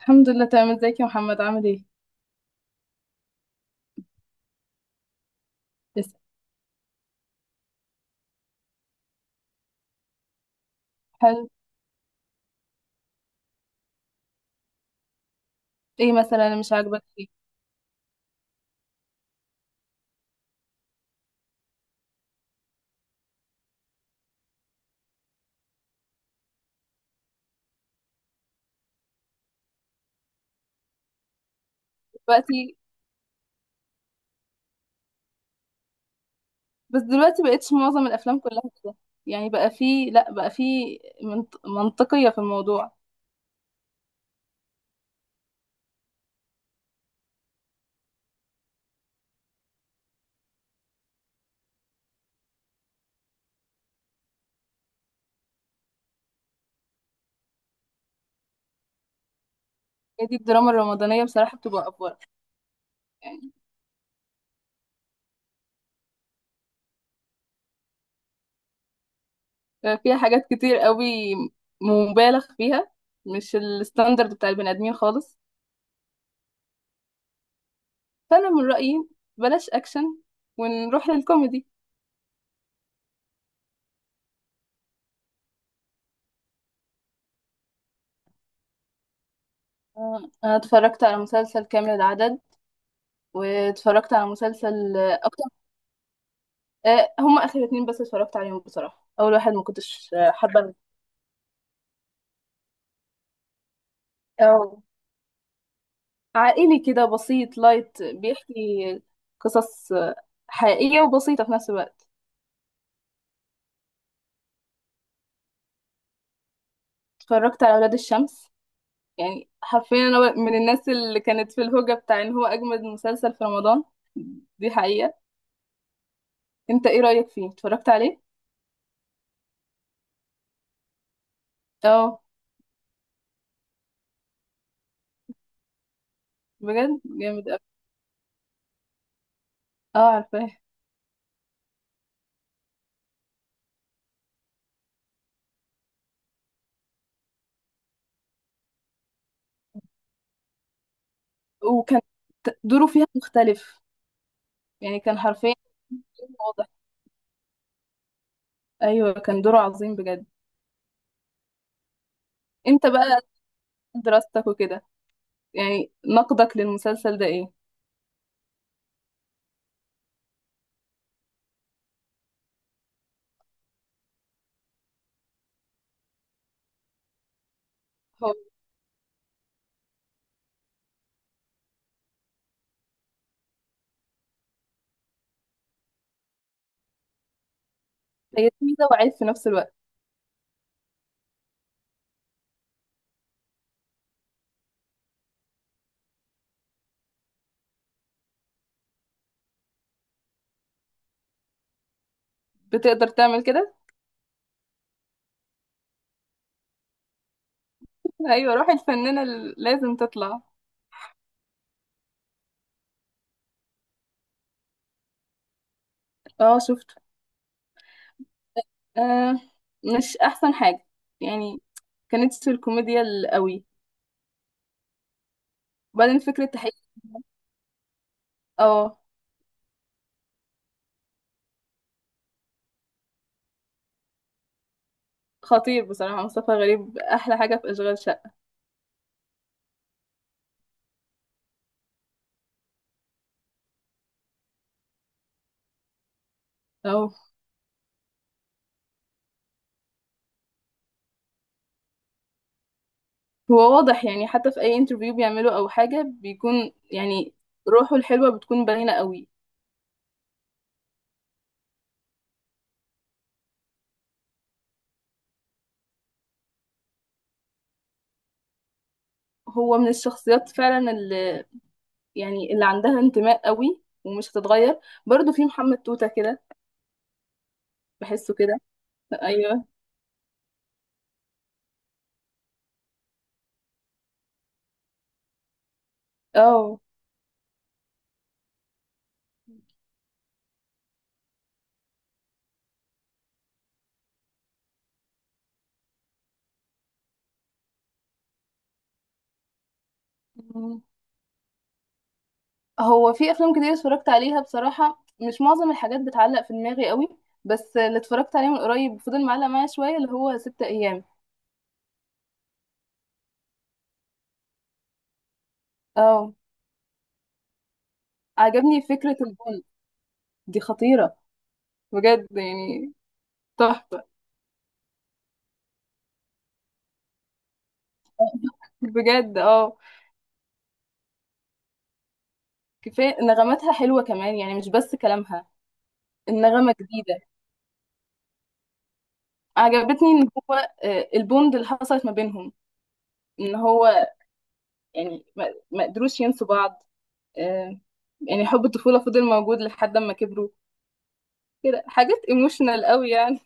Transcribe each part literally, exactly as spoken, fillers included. الحمد لله، تمام. ازيك يا محمد، عامل ايه؟ بس. هل ايه مثلا اللي مش عاجبك فيه؟ دلوقتي بس دلوقتي بقتش معظم الافلام كلها كده، يعني بقى في، لا، بقى في منط... منطقية في الموضوع. هي دي الدراما الرمضانية بصراحة بتبقى افضل يعني. بقى فيها حاجات كتير قوي مبالغ فيها، مش الستاندرد بتاع البني ادمين خالص. فانا من رأيي بلاش اكشن ونروح للكوميدي. انا اتفرجت على مسلسل كامل العدد، واتفرجت على مسلسل اكتر. آه، هما اخر اتنين بس اتفرجت عليهم بصراحه. اول واحد ما كنتش آه، حابه. اه، عائلي كده بسيط لايت، بيحكي قصص آه، حقيقيه وبسيطه في نفس الوقت. اتفرجت على اولاد الشمس. يعني حرفيا انا من الناس اللي كانت في الهوجه بتاع ان هو اجمد مسلسل في رمضان، دي حقيقه. انت ايه رايك فيه، اتفرجت عليه؟ اه. بجد جامد أوي. اه، عارفاه. وكان ت- دوره فيها مختلف، يعني كان حرفيا. واضح. ايوه، كان دوره عظيم بجد. انت بقى دراستك وكده، يعني نقدك للمسلسل ده ايه؟ هو هي ميزة وعيب في نفس الوقت. بتقدر تعمل كده؟ ايوه، روح الفنانة اللي لازم تطلع. اه، شفته. آه، مش احسن حاجة يعني. كانت في الكوميديا القوي. وبعدين فكرة تحقيق. اه. خطير بصراحة، مصطفى غريب أحلى حاجة في أشغال شقة. أو هو واضح يعني، حتى في أي انترفيو بيعمله أو حاجة بيكون يعني روحه الحلوة بتكون باينة قوي. هو من الشخصيات فعلا يعني، اللي عندها انتماء قوي ومش هتتغير. برضو في محمد توتة كده. بحسه كده. ايوه. اه. مم. هو في افلام كتير اتفرجت عليها بصراحة، مش معظم الحاجات بتعلق في دماغي قوي. بس اللي اتفرجت عليه من قريب فضل معلق معايا شوية، اللي هو ست ايام. اه. عجبني فكرة البول، دي خطيرة بجد يعني. تحفة، بجد. اه. كفاية نغماتها حلوة كمان، يعني مش بس كلامها، النغمة جديدة. عجبتني ان هو آه، البوند اللي حصلت ما بينهم، ان هو يعني ما ما قدروش ينسوا بعض. آه، يعني حب الطفولة فضل موجود لحد ما كبروا. كده حاجات ايموشنال قوي يعني.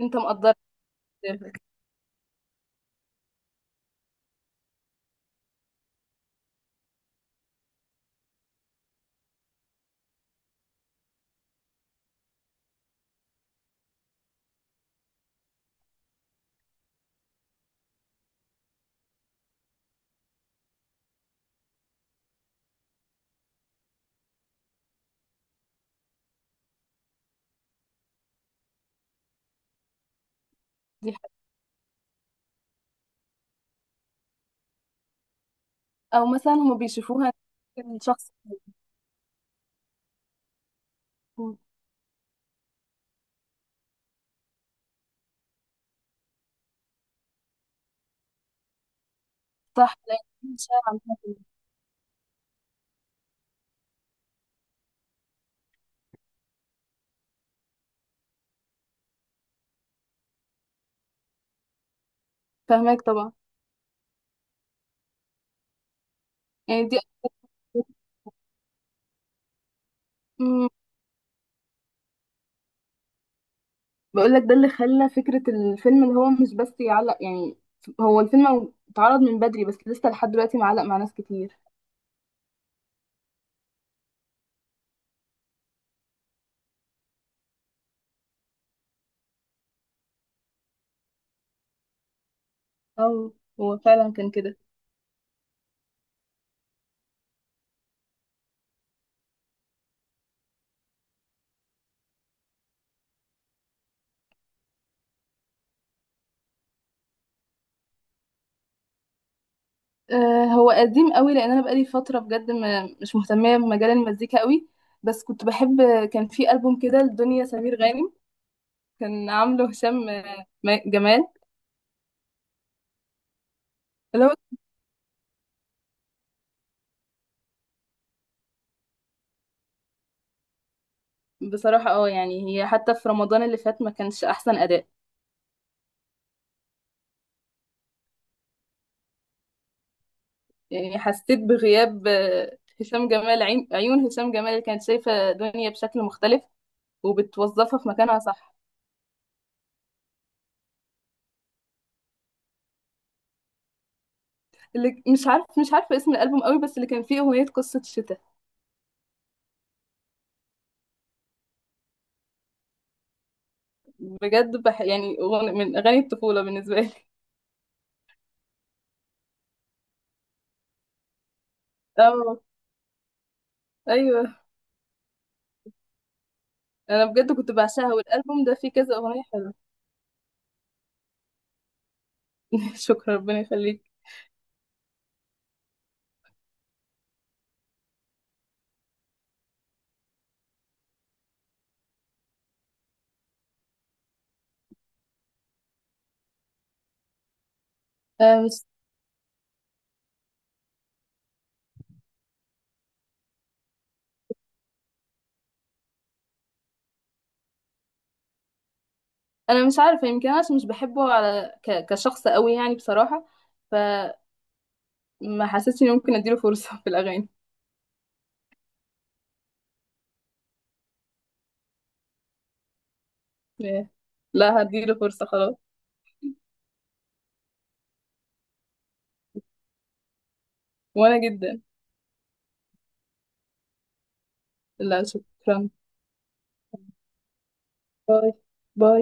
انت مقدر. دي حاجة. او مثلا هما بيشوفوها إن شخص. صح، لا، شارع. فاهمك طبعا. يعني دي مم. بقول لك ده اللي خلى فكرة الفيلم اللي هو مش بس يعلق يعني. هو الفيلم اتعرض من بدري، بس لسه لحد دلوقتي معلق مع ناس كتير. اه، هو فعلا كان كده. آه، هو قديم قوي، لان انا بقالي فتره بجد ما- مش مهتمه بمجال المزيكا قوي. بس كنت بحب. كان في البوم كده لدنيا سمير غانم، كان عامله هشام آه، م- جمال. اللي هو بصراحه اه، يعني هي حتى في رمضان اللي فات ما كانش احسن اداء يعني. حسيت بغياب آه، هشام جمال، عين- عيون هشام جمال اللي كانت شايفه دنيا بشكل مختلف وبتوظفها في مكانها صح. اللي مش عارف مش عارفه اسم الالبوم قوي، بس اللي كان فيه اغنيه قصه شتاء. بجد بح يعني أغنية- من اغاني الطفوله بالنسبه لي. اه، ايوه، انا بجد كنت بعشقها، والالبوم ده فيه كذا اغنيه حلوه. شكرا، ربنا يخليك. آه، مش انا مش عارفه، يمكن انا عشان مش بحبه على ك... كشخص قوي يعني بصراحه. فما حسيتش اني ممكن اديله فرصه في الاغاني. لا. لا، هديله فرصه خلاص. وانا جدا. لا، شكرا. باي، باي.